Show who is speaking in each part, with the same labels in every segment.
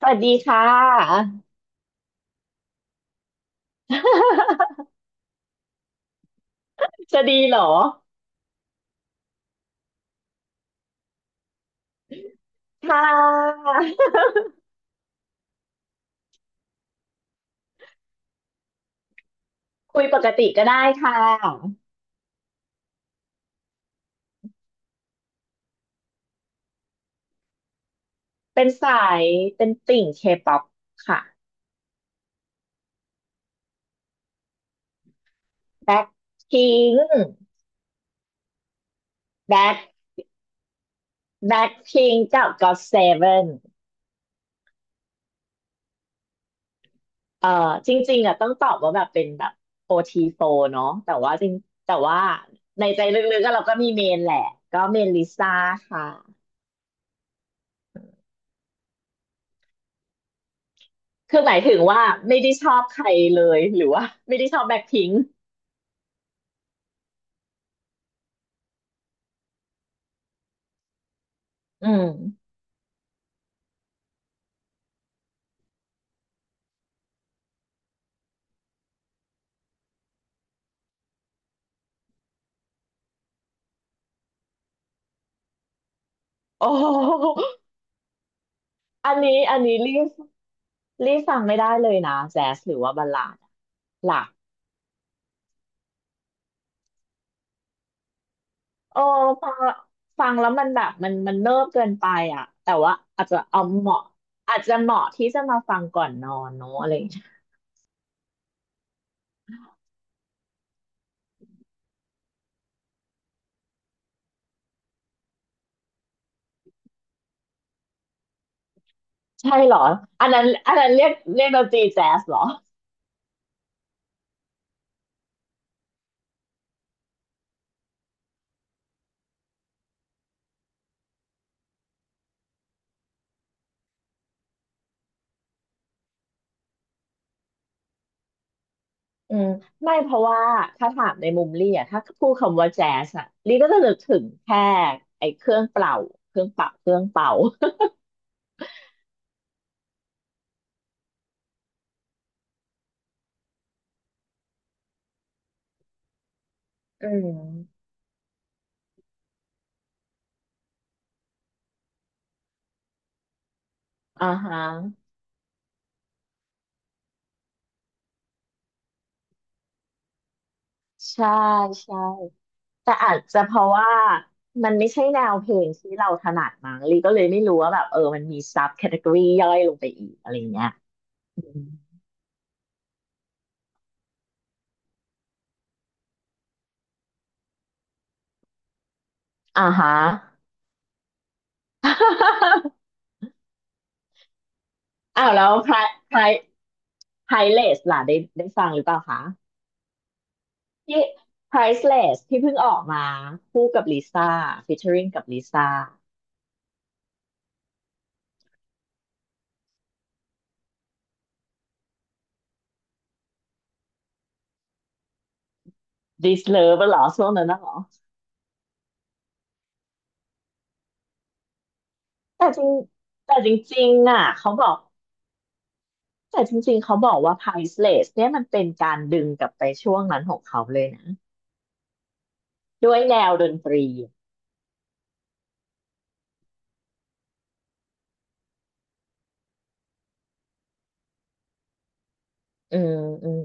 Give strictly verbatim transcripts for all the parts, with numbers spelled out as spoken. Speaker 1: สวัสดีค่ะ จะดีเหรอค่ะคุยปกติก็ได้ค่ะเป็นสายเป็นติ่งเคป๊อปค่ะแบ็คพิงค์แบ็คแบ็คพิงค์กับก็อตเซเว่นเอ่อจริงๆอ่ะต้องตอบว่าแบบเป็นแบบโอทีโฟร์เนาะแต่ว่าจริงแต่ว่าในใจลึกๆก็เราก็มีเมนแหละก็เมนลิซ่าค่ะคือหมายถึงว่าไม่ได้ชอบใครเลยหรือว่าไม่ได้ชอบแบ็คพิงค์อืม โอ้โหอันนี้อันนี้รีบรีบฟังไม่ได้เลยนะแจ๊สหรือว่าบัลลาดอะหลักโอ้ฟังฟังแล้วมันแบบมันมันเนิบเกินไปอ่ะแต่ว่าอาจจะเอาเหมาะอาจจะเหมาะที่จะมาฟังก่อนนอนเนอะอะไรอย่างเงี้ยใช่เหรออันนั้นอันนั้นเรียกเรียกดนตรีแจ๊สเหรออืมไม่เพราะว่าถ้าถามในมุมลี่อ่ะถ้าพูดคำว่าแจ๊สอ่ะลี่ก็จะนึกถึงแค่ไอ้เครื่องเป่าเครื่องเป่าเครื่องเป่าอืมอ่าฮะใช่ใช่ แต่อาจจะเพราะว่ามันไม่ใช่แนวเพลงที่เราถนัดมั้งลีก็เลยไม่รู้ว่าแบบเออมันมีซับแคตตากรีย่อยลงไปอีกอะไรเงี้ยอืมอ่าฮะ อ้าวแล้วไพรไพรไพรเลสล่ะได้ได้ฟังหรือเปล่าคะที่ Priceless ที่เพิ่งออกมาคู่กับลิซ่า featuring กับลิซ่า This Love เหรอช่วงนั้นน่ะเหรอแต่จริงแต่จริงๆอ่ะเขาบอกแต่จริงๆเขาบอกว่า Priceless เนี่ยมันเป็นการดึงกลับไปช่วงนั้นของเขาเลยนะ ด้วยแนวดนตรีอืมอืม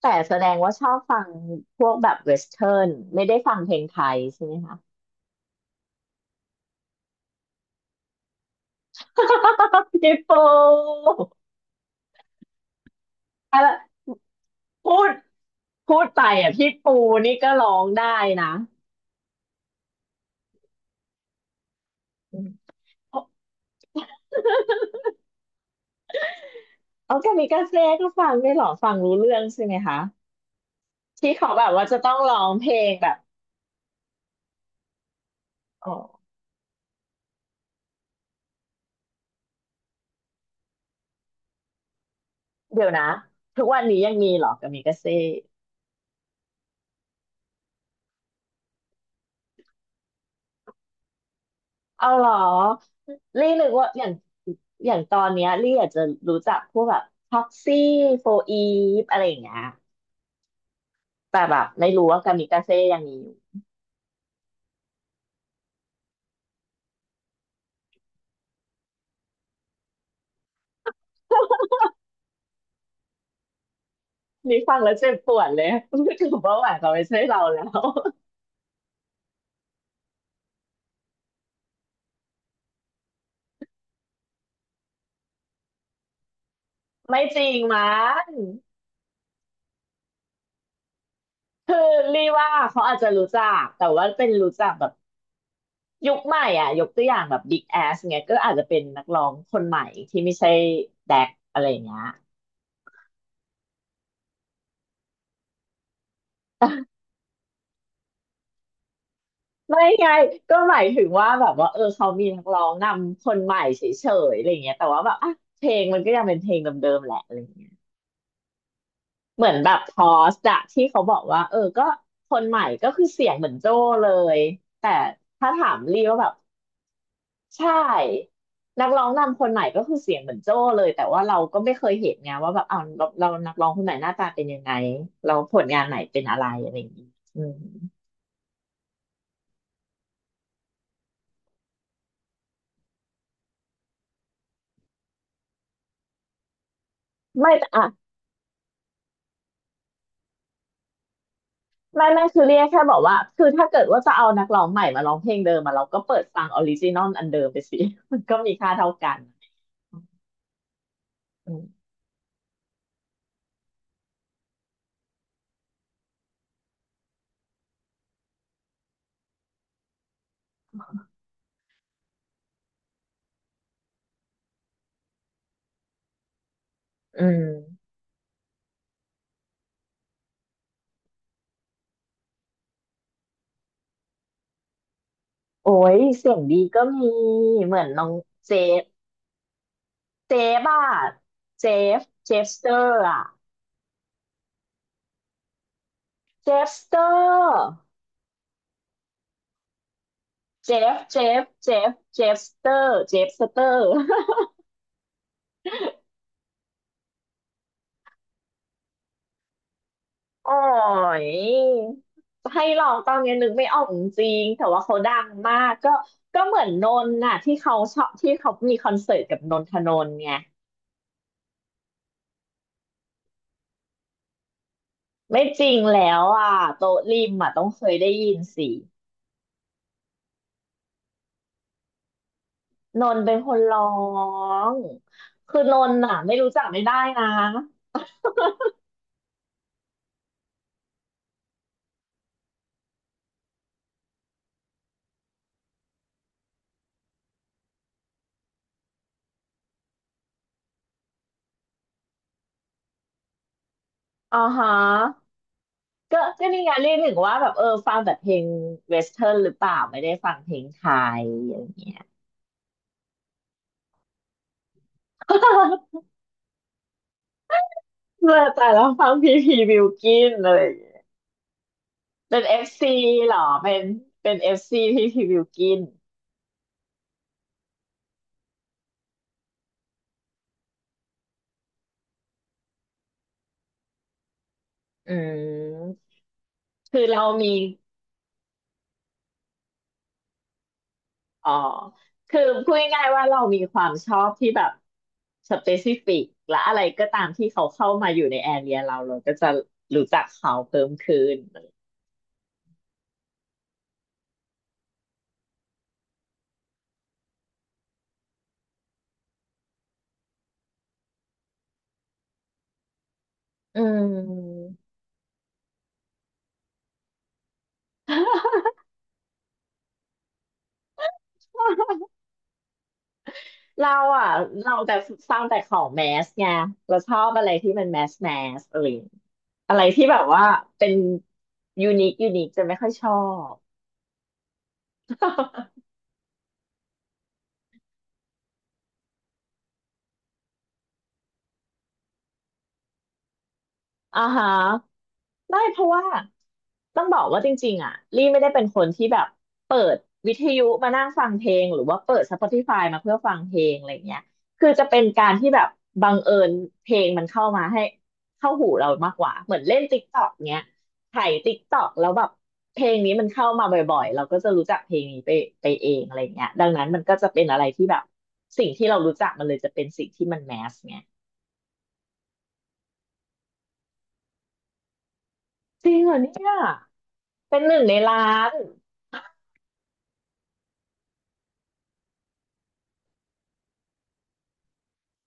Speaker 1: แต่แสดงว่าชอบฟังพวกแบบเวสเทิร์นไม่ได้ฟังเพลงไทยใช่ไหมคะ พี่ปูอะไรพูดพูดไปอ่ะพี่ปูนี่ก็ร้องได้นะอืมโอาแกามิกาเซ่ก็ฟังได้วยเหรอฟังรู้เรื่องใช่ไหมคะที่เขาแบบว่าจะต้องร้องเพลงแบบอ๋อเดี๋ยวนะทุกวันนี้ยังมีเหรอกามิกาเซ่ เอาเหรอลี่นึกว่าอย่างอย่างตอนเนี้ยลี่อาจจะรู้จักพวกแบบท็อกซี่โฟอีฟอะไรอย่างเงี้ยแต่แบบไม่รู้ว่ากามิกาเซ่ยังมีอยู่นี่ฟังแล้วเจ็บปวดเลย รู้สึกว่าหวานเขาไม่ใช่เราแล้ว ไม่จริงมั้งคือลี่ว่าเขาอาจจะรู้จักแต่ว่าเป็นรู้จักแบบยุคใหม่อ่ะยกตัวอย่างแบบบิ๊แอสเงี้ยก็อาจจะเป็นนักร้องคนใหม่ที่ไม่ใช่แดกอะไรอย่างเงี้ย ไม่ไงก็หมายถึงว่าแบบว่าเออเขามีนักร้องนำคนใหม่เฉยๆอะไรอย่างเงี้ยแต่ว่าแบบอ่ะเพลงมันก็ยังเป็นเพลงเดิมๆแหละอะไรอย่างเงี้ยเหมือนแบบพอสอะที่เขาบอกว่าเออก็คนใหม่ก็คือเสียงเหมือนโจ้เลยแต่ถ้าถามลีว่าแบบใช่นักร้องนำคนใหม่ก็คือเสียงเหมือนโจ้เลยแต่ว่าเราก็ไม่เคยเห็นไงว่าแบบเอาเราเรานักร้องคนไหนหน้าตาเป็นยังไงเราผลงานไหนเป็นอะไรอะไรอย่างเงี้ยอืมไม่แต่อ่ะ ไม่ไม่คือเรียกแค่บอกว่าคือถ้าเกิดว่าจะเอานักร้องใหม่มาร้องเพลงเดิมมาเราก็เปิดฟังออริจินอลอันเดิมไปสิ มันก็มีค่าเท่ากันอืมอืมโอ้ยเสียงดีก็มีเหมือนน้องเจฟเจฟอะเจฟเจฟสเตอร์อะเจฟสเตอร์เจฟเจฟเจฟเจฟสเตอร์เจฟสเตอร์ โอ้ยให้ลองตอนนี้นึกไม่ออกจริงๆแต่ว่าเขาดังมากก็ก็เหมือนนนท์น่ะที่เขาชอบที่เขามีคอนเสิร์ตกับนนทนนท์ไงไม่จริงแล้วอ่ะโต๊ะริมอ่ะต้องเคยได้ยินสินนท์เป็นคนร้องคือนนท์น่ะไม่รู้จักไม่ได้นะอ่าฮะก็ก็นี่ไงเรียกหึงว่าแบบเออฟังแต่เพลงเวสเทิร์นหรือเปล่าไม่ได้ฟังเพลงไทยอย่างเงี้ย เมื่อแต่วฟังพีพีบิวกินอะไรอย่างเลย เป็นเอฟซีหรอเป็นเป็นเอฟซีที่พี่บิวกินอืมคือเรามีอ๋อคือพูดง่ายๆว่าเรามีความชอบที่แบบสเปซิฟิกและอะไรก็ตามที่เขาเข้ามาอยู่ในแอเรียเราเราก็จะรู้จักเขาเพิ่มขึ้นอืม เราอ่ะเราแต่ฟังแต่ของแมสไงเราชอบอะไรที่มันแมสแมสอะไรอย่างอะไรที่แบบว่าเป็นยูนิคยูนิคจะไม่ค่อยชอบ อ่าฮะไม่เพราะว่าต้องบอกว่าจริงๆอ่ะลี่ไม่ได้เป็นคนที่แบบเปิดวิทยุมานั่งฟังเพลงหรือว่าเปิด Spotify มาเพื่อฟังเพลงอะไรเงี้ยคือจะเป็นการที่แบบบังเอิญเพลงมันเข้ามาให้เข้าหูเรามากกว่าเหมือนเล่น TikTok เงี้ยไถ TikTok แล้วแบบเพลงนี้มันเข้ามาบ่อยๆเราก็จะรู้จักเพลงนี้ไปไปเองอะไรเงี้ยดังนั้นมันก็จะเป็นอะไรที่แบบสิ่งที่เรารู้จักมันเลยจะเป็นสิ่งที่มันแมสไงจริงเหรอเนี่ยเป็นหนึ่งในล้าน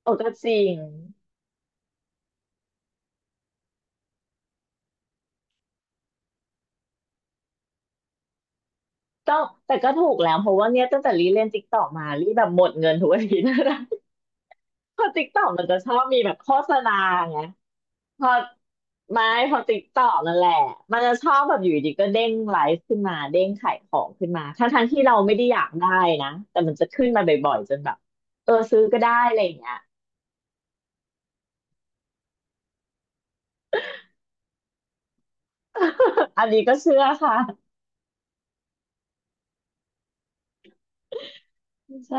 Speaker 1: โอ้ก็จริงต้องแต่ก็ถูกแล้วเพราะว่าเนี่ยตั้งแต่รีเล่นติ๊กตอกมารีแบบหมดเงินทุกอาทิตย์นะ เพราะติ๊กตอกมันจะชอบมีแบบโฆษณาไงพอไม่พอติ๊กตอกนั่นแหละมันจะชอบแบบอยู่ดีก็เด้งไลฟ์ขึ้นมาเด้งขายของขึ้นมาทั้งทั้งที่เราไม่ได้อยากได้นะแต่มันจะขึ้นมาบ่อยๆจนแบบเออซื้อก็ได้อะไรอย่างเงี้ย อันนี้ก็เชื่อค่ะใช่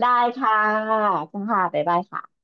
Speaker 1: ได้ค่ะค่ะบ๊ายบายค่ะ